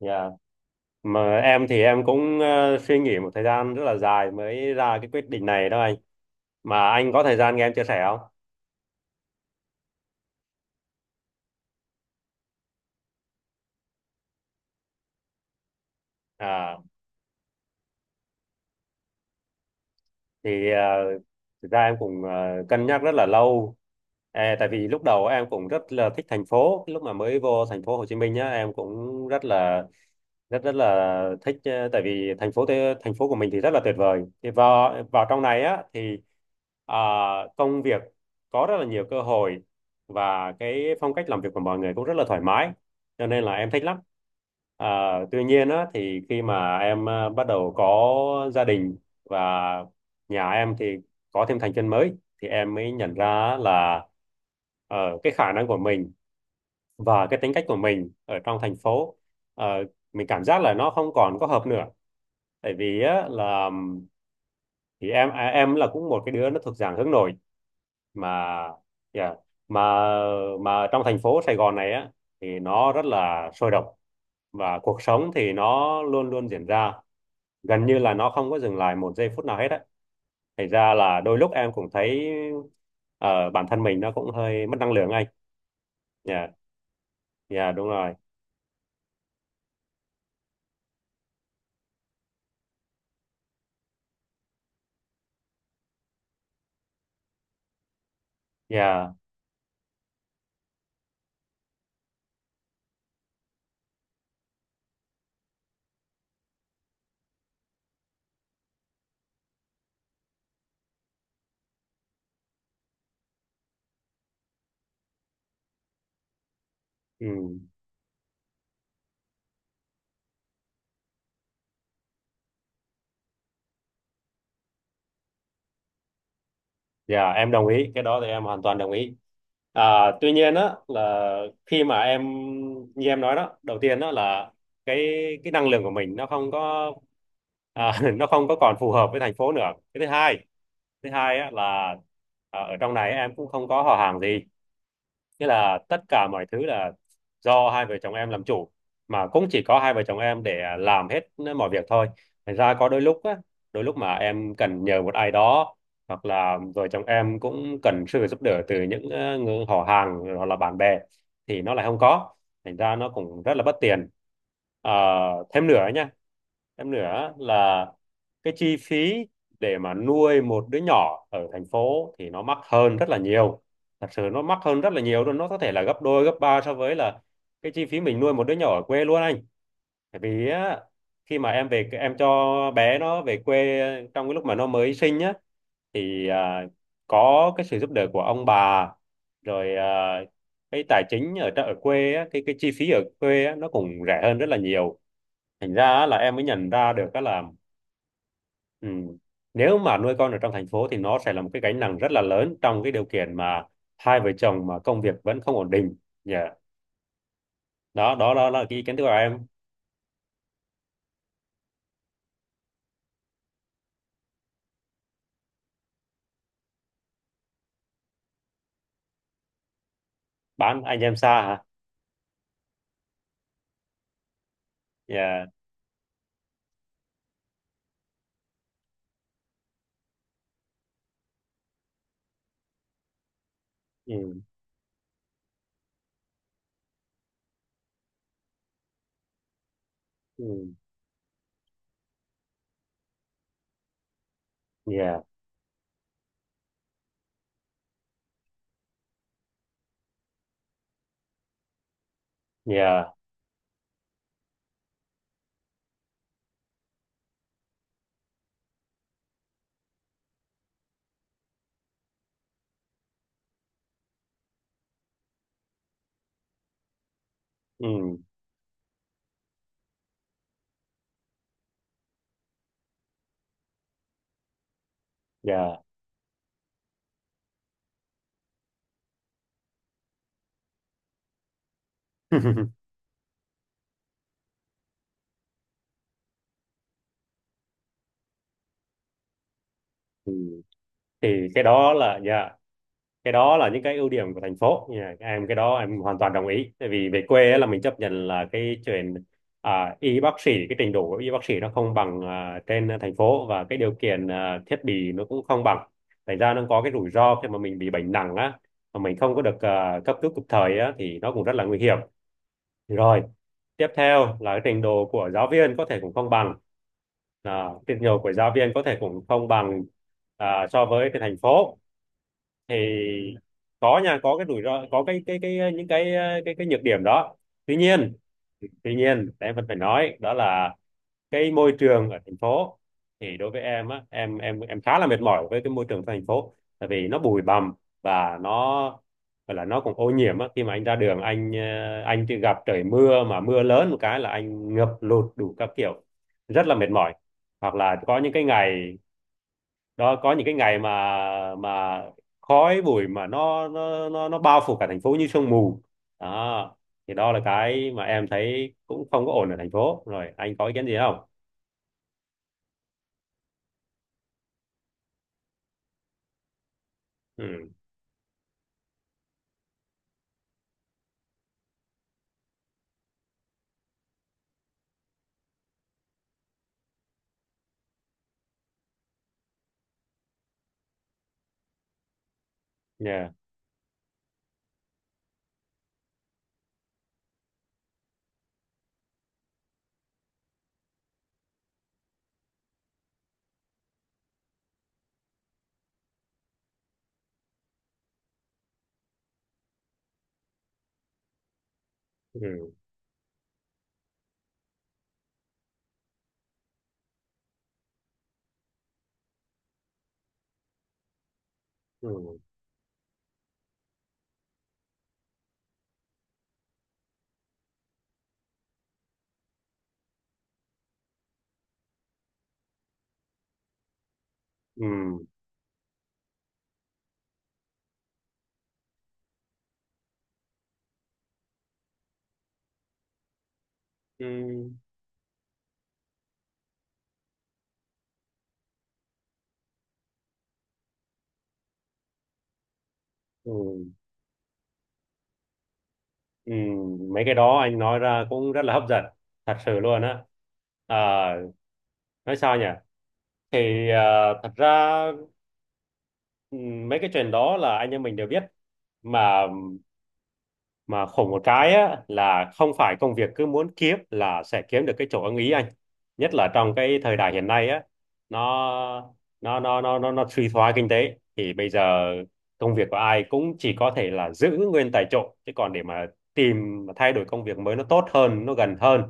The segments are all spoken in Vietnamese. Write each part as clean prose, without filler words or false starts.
Dạ, Mà em thì em cũng suy nghĩ một thời gian rất là dài mới ra cái quyết định này đó anh. Mà anh có thời gian nghe em chia sẻ không? À, thì ờ, Thực ra em cũng cân nhắc rất là lâu. À, tại vì lúc đầu em cũng rất là thích thành phố. Lúc mà mới vô thành phố Hồ Chí Minh nhá, em cũng rất rất là thích, tại vì thành phố thành phố của mình thì rất là tuyệt vời, thì vào vào trong này á thì à, công việc có rất là nhiều cơ hội, và cái phong cách làm việc của mọi người cũng rất là thoải mái, cho nên là em thích lắm. À, tuy nhiên á, thì khi mà em bắt đầu có gia đình và nhà em thì có thêm thành viên mới, thì em mới nhận ra là ờ, cái khả năng của mình và cái tính cách của mình ở trong thành phố, ờ, mình cảm giác là nó không còn có hợp nữa. Tại vì á, là thì em à, em là cũng một cái đứa nó thuộc dạng hướng nội, mà yeah, mà mà trong thành phố Sài Gòn này á thì nó rất là sôi động, và cuộc sống thì nó luôn luôn diễn ra, gần như là nó không có dừng lại một giây phút nào hết á, thành ra là đôi lúc em cũng thấy bản thân mình nó cũng hơi mất năng lượng anh. Dạ. Dạ đúng rồi. Dạ. Ừ. Dạ em đồng ý, cái đó thì em hoàn toàn đồng ý. À, tuy nhiên á, là khi mà em, như em nói đó, đầu tiên đó là cái cái năng lượng của mình nó không có, à, nó không có còn phù hợp với thành phố nữa. Cái thứ hai, thứ hai á là à, ở trong này em cũng không có họ hàng gì, nghĩa là tất cả mọi thứ là do hai vợ chồng em làm chủ, mà cũng chỉ có hai vợ chồng em để làm hết mọi việc thôi. Thành ra có đôi lúc á, đôi lúc mà em cần nhờ một ai đó, hoặc là vợ chồng em cũng cần sự giúp đỡ từ những người họ hàng hoặc là bạn bè, thì nó lại không có, thành ra nó cũng rất là bất tiện. Ờ, Thêm nữa nhá, em nữa là cái chi phí để mà nuôi một đứa nhỏ ở thành phố thì nó mắc hơn rất là nhiều. Thật sự nó mắc hơn rất là nhiều luôn, nó có thể là gấp đôi, gấp ba so với là cái chi phí mình nuôi một đứa nhỏ ở quê luôn anh. Tại vì á, khi mà em về em cho bé nó về quê, trong cái lúc mà nó mới sinh á, thì à, có cái sự giúp đỡ của ông bà, rồi à, cái tài chính ở quê á, cái chi phí ở quê á, nó cũng rẻ hơn rất là nhiều. Thành ra á, là em mới nhận ra được á là, ừ, nếu mà nuôi con ở trong thành phố thì nó sẽ là một cái gánh nặng rất là lớn, trong cái điều kiện mà hai vợ chồng mà công việc vẫn không ổn định. Dạ. Đó là cái ý kiến của em. Bán anh em xa hả? Dạ. Ừ. Ừ. Dạ. Dạ. Ừ. Dạ. Ừ. Thì cái đó là, dạ, cái đó là những cái ưu điểm của thành phố. Em cái đó em hoàn toàn đồng ý, tại vì về quê á, là mình chấp nhận là cái chuyện à, y bác sĩ, cái trình độ của y bác sĩ nó không bằng à, trên thành phố, và cái điều kiện, à, thiết bị nó cũng không bằng. Thành ra nó có cái rủi ro khi mà mình bị bệnh nặng á, mà mình không có được à, cấp cứu kịp thời á, thì nó cũng rất là nguy hiểm. Rồi tiếp theo là cái trình độ của giáo viên có thể cũng không bằng, à, trình độ của giáo viên có thể cũng không bằng à, so với cái thành phố. Thì có nha, có cái rủi ro, có cái ờ, những cái ờ, cái nhược điểm đó. Tuy nhiên tuy nhiên em vẫn phải nói đó là, cái môi trường ở thành phố thì đối với em á, em khá là mệt mỏi với cái môi trường thành phố, tại vì nó bụi bặm và nó gọi là nó cũng ô nhiễm á. Khi mà anh ra đường anh, anh chỉ gặp trời mưa mà mưa lớn một cái là anh ngập lụt đủ các kiểu, rất là mệt mỏi. Hoặc là có những cái ngày, đó, có những cái ngày mà khói bụi mà nó bao phủ cả thành phố như sương mù. Đó, thì đó là cái mà em thấy cũng không có ổn ở thành phố. Rồi anh có ý kiến gì không? Ừ. Yeah. Ừ. Ừ. Ừ. Ừ. Ừ. Ừ. Mấy cái đó anh nói ra cũng rất là hấp dẫn, thật sự luôn á. À, nói sao nhỉ, thì à, thật ra, ừ, mấy cái chuyện đó là anh em mình đều biết mà. Mà khổ một cái á, là không phải công việc cứ muốn kiếm là sẽ kiếm được cái chỗ ưng ý anh, nhất là trong cái thời đại hiện nay á, nó nó suy thoái kinh tế, thì bây giờ công việc của ai cũng chỉ có thể là giữ nguyên tại chỗ, chứ còn để mà tìm mà thay đổi công việc mới nó tốt hơn nó gần hơn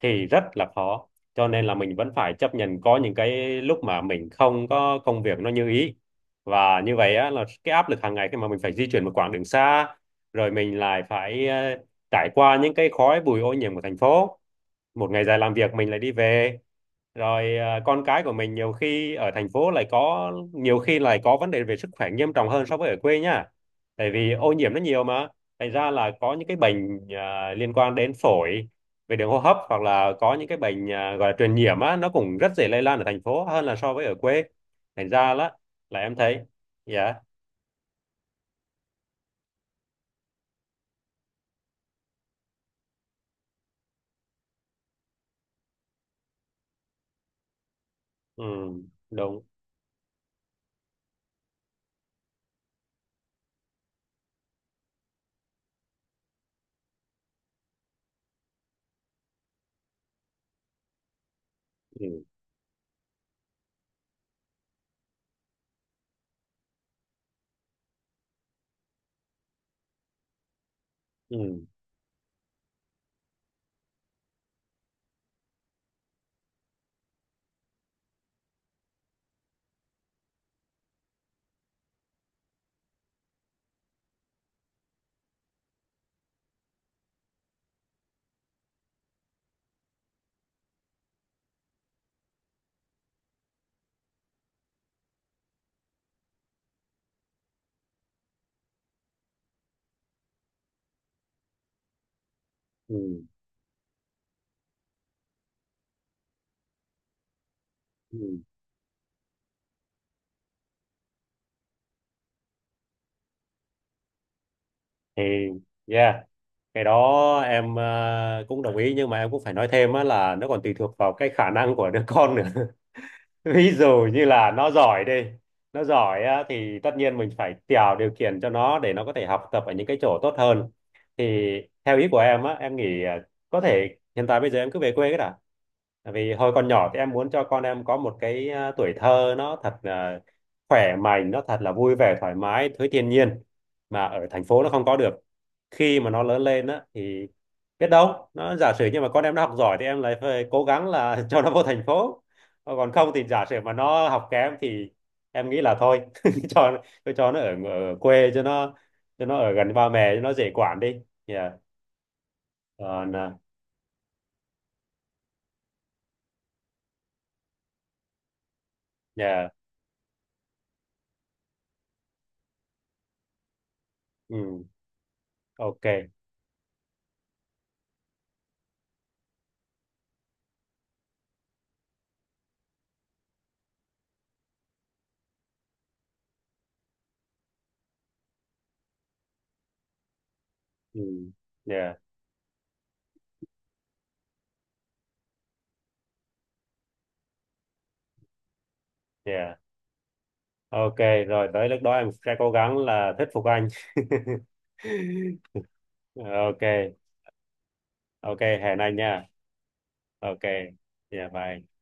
thì rất là khó. Cho nên là mình vẫn phải chấp nhận có những cái lúc mà mình không có công việc nó như ý. Và như vậy á, là cái áp lực hàng ngày khi mà mình phải di chuyển một quãng đường xa, rồi mình lại phải trải qua những cái khói bụi ô nhiễm của thành phố, một ngày dài làm việc mình lại đi về. Rồi con cái của mình nhiều khi ở thành phố lại có nhiều khi lại có vấn đề về sức khỏe nghiêm trọng hơn so với ở quê nhá, tại vì ô nhiễm nó nhiều mà. Thành ra là có những cái bệnh liên quan đến phổi, về đường hô hấp, hoặc là có những cái bệnh gọi là truyền nhiễm á, nó cũng rất dễ lây lan ở thành phố hơn là so với ở quê. Thành ra là em thấy, dạ. Ừ. Đúng. Ừ. Ừ. Ừ. Ừ. Thì, yeah, cái đó em cũng đồng ý, nhưng mà em cũng phải nói thêm á là nó còn tùy thuộc vào cái khả năng của đứa con nữa. Ví dụ như là nó giỏi đi, nó giỏi á, thì tất nhiên mình phải tạo điều kiện cho nó để nó có thể học tập ở những cái chỗ tốt hơn. Thì theo ý của em á, em nghĩ à, có thể hiện tại bây giờ em cứ về quê cái đã. Tại vì hồi còn nhỏ thì em muốn cho con em có một cái à, tuổi thơ nó thật là khỏe mạnh, nó thật là vui vẻ, thoải mái với thiên nhiên, mà ở thành phố nó không có được. Khi mà nó lớn lên á thì biết đâu nó, giả sử nhưng mà con em nó học giỏi, thì em lại phải cố gắng là cho nó vô thành phố. Còn không thì giả sử mà nó học kém thì em nghĩ là thôi, cho cho nó ở quê, cho nó ở gần ba mẹ cho nó dễ quản đi. Yeah. Còn. À, yeah. Ừ. Ok. Ừ. Yeah. Yeah. Ok, rồi tới lúc đó em sẽ cố gắng là thuyết phục anh. Ok. Ok, hẹn anh nha. Ok. Dạ, bye.